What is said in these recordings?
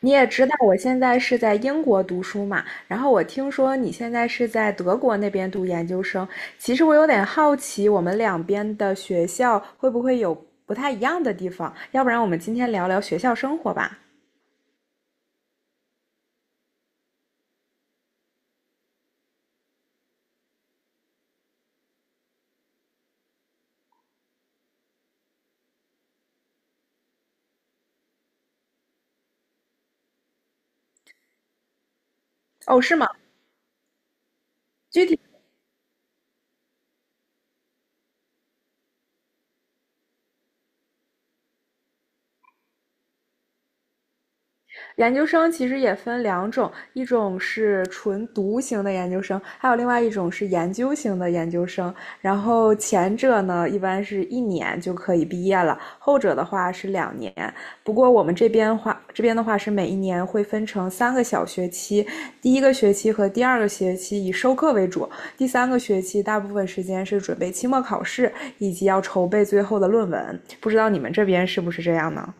你也知道我现在是在英国读书嘛，然后我听说你现在是在德国那边读研究生，其实我有点好奇，我们两边的学校会不会有不太一样的地方？要不然我们今天聊聊学校生活吧？哦，是吗？具体研究生其实也分两种，一种是纯读型的研究生，还有另外一种是研究型的研究生。然后前者呢，一般是一年就可以毕业了，后者的话是两年。不过我们这边话，这边的话是每一年会分成三个小学期，第一个学期和第二个学期以授课为主，第三个学期大部分时间是准备期末考试以及要筹备最后的论文。不知道你们这边是不是这样呢？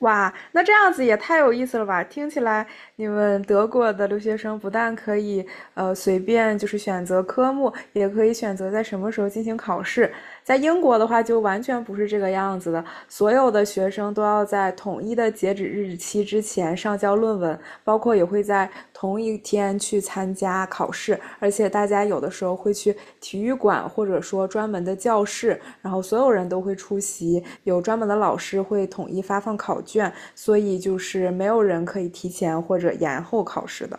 哇，那这样子也太有意思了吧！听起来你们德国的留学生不但可以随便就是选择科目，也可以选择在什么时候进行考试。在英国的话就完全不是这个样子的，所有的学生都要在统一的截止日期之前上交论文，包括也会在同一天去参加考试，而且大家有的时候会去体育馆或者说专门的教室然后所有人都会出席，有专门的老师会统一发放考卷，所以就是没有人可以提前或者延后考试的。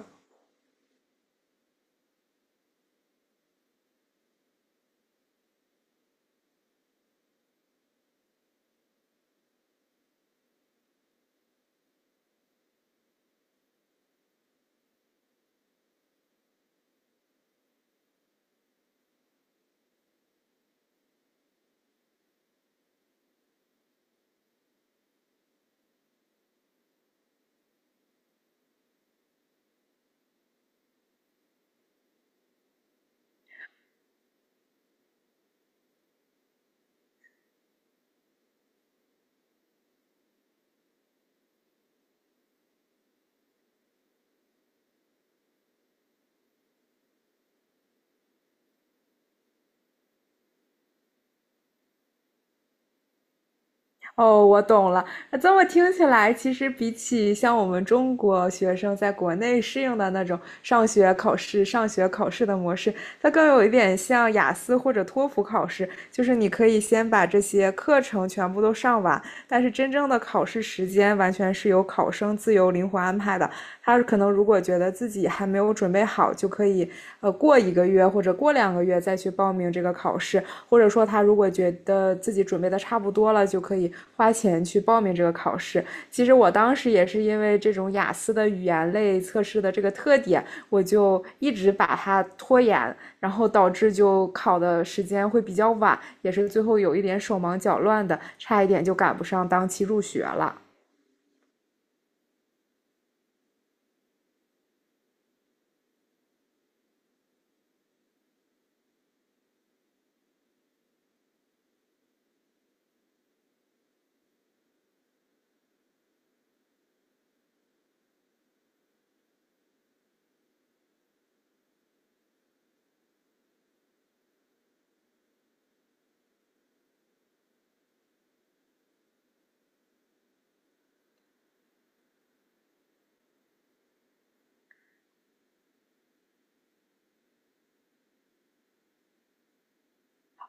哦，我懂了。那这么听起来，其实比起像我们中国学生在国内适应的那种上学考试、上学考试的模式，它更有一点像雅思或者托福考试，就是你可以先把这些课程全部都上完，但是真正的考试时间完全是由考生自由灵活安排的。他可能如果觉得自己还没有准备好，就可以过一个月或者过两个月再去报名这个考试。或者说他如果觉得自己准备的差不多了，就可以花钱去报名这个考试。其实我当时也是因为这种雅思的语言类测试的这个特点，我就一直把它拖延，然后导致就考的时间会比较晚，也是最后有一点手忙脚乱的，差一点就赶不上当期入学了。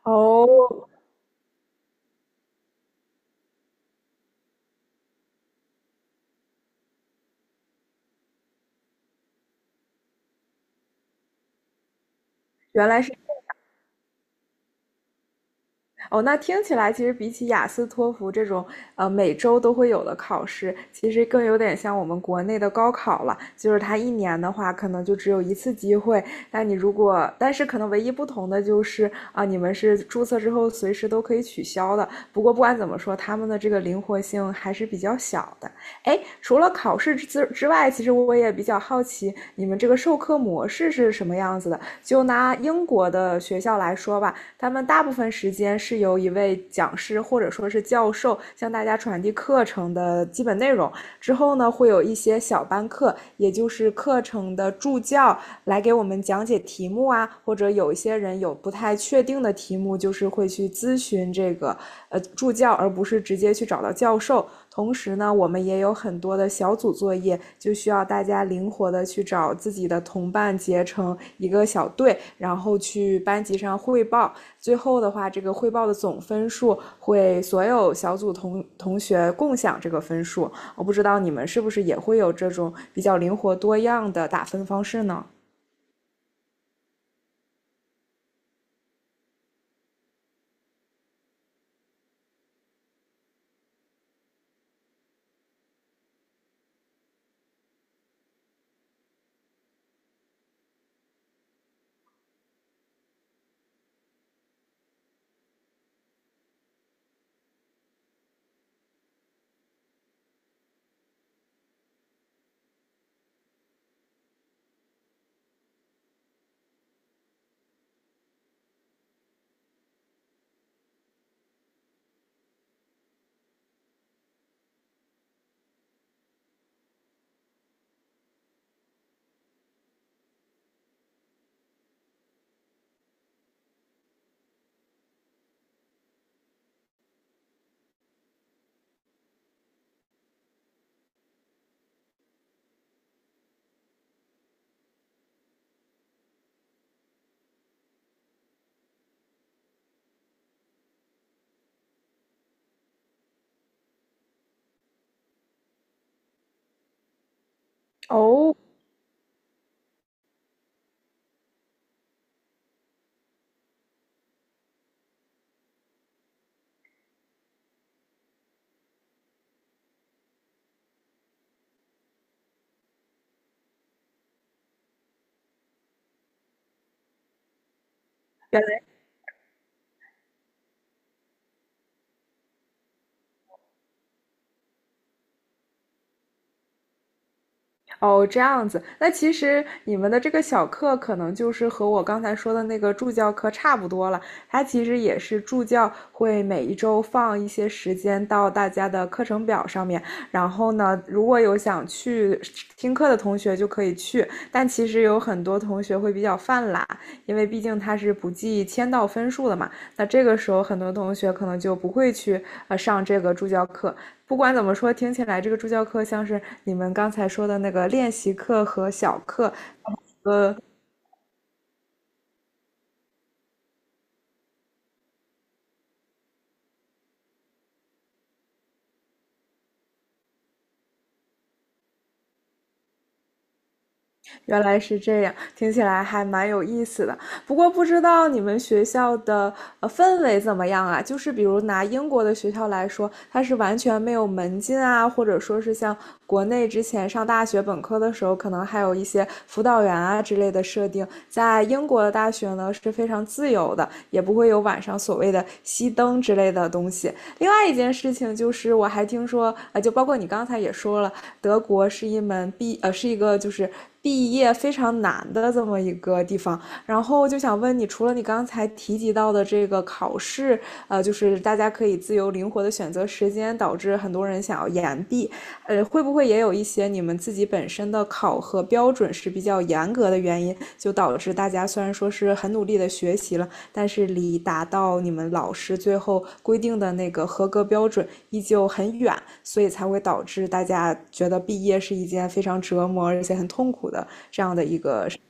哦，原来是哦，那听起来其实比起雅思、托福这种每周都会有的考试，其实更有点像我们国内的高考了。就是它一年的话，可能就只有一次机会。但你如果，但是可能唯一不同的就是啊、你们是注册之后随时都可以取消的。不过不管怎么说，他们的这个灵活性还是比较小的。哎，除了考试之外，其实我也比较好奇你们这个授课模式是什么样子的。就拿英国的学校来说吧，他们大部分时间是由一位讲师或者说是教授向大家传递课程的基本内容。之后呢，会有一些小班课，也就是课程的助教来给我们讲解题目啊，或者有一些人有不太确定的题目，就是会去咨询这个助教，而不是直接去找到教授。同时呢，我们也有很多的小组作业，就需要大家灵活的去找自己的同伴，结成一个小队，然后去班级上汇报。最后的话，这个汇报的总分数会所有小组同学共享这个分数。我不知道你们是不是也会有这种比较灵活多样的打分方式呢？哦，原哦，这样子，那其实你们的这个小课可能就是和我刚才说的那个助教课差不多了。它其实也是助教会每一周放一些时间到大家的课程表上面，然后呢，如果有想去听课的同学就可以去，但其实有很多同学会比较犯懒，因为毕竟他是不计签到分数的嘛。那这个时候很多同学可能就不会去上这个助教课，不管怎么说，听起来这个助教课像是你们刚才说的那个练习课和小课，呃，原来是这样，听起来还蛮有意思的。不过不知道你们学校的氛围怎么样啊？就是比如拿英国的学校来说，它是完全没有门禁啊，或者说是像国内之前上大学本科的时候，可能还有一些辅导员啊之类的设定，在英国的大学呢是非常自由的，也不会有晚上所谓的熄灯之类的东西。另外一件事情就是，我还听说，啊，就包括你刚才也说了，德国是一门毕，呃，是一个就是毕业非常难的这么一个地方。然后就想问你，除了你刚才提及到的这个考试，就是大家可以自由灵活的选择时间，导致很多人想要延毕。会不会也有一些你们自己本身的考核标准是比较严格的原因，就导致大家虽然说是很努力的学习了，但是离达到你们老师最后规定的那个合格标准依旧很远，所以才会导致大家觉得毕业是一件非常折磨而且很痛苦的这样的一个事情。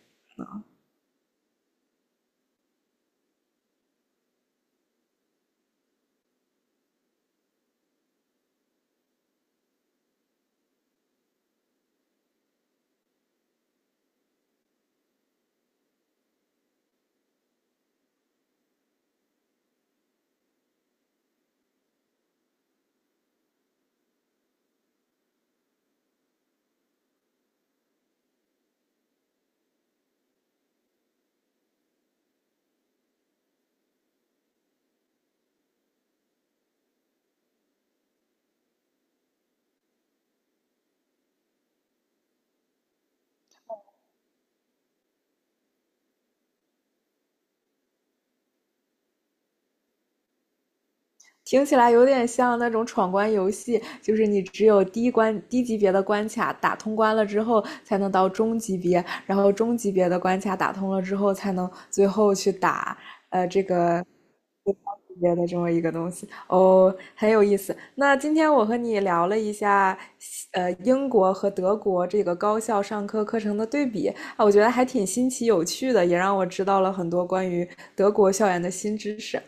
听起来有点像那种闯关游戏，就是你只有低级别的关卡打通关了之后，才能到中级别，然后中级别的关卡打通了之后，才能最后去打这个最高级别的这么一个东西。哦，很有意思。那今天我和你聊了一下英国和德国这个高校上课课程的对比啊，我觉得还挺新奇有趣的，也让我知道了很多关于德国校园的新知识。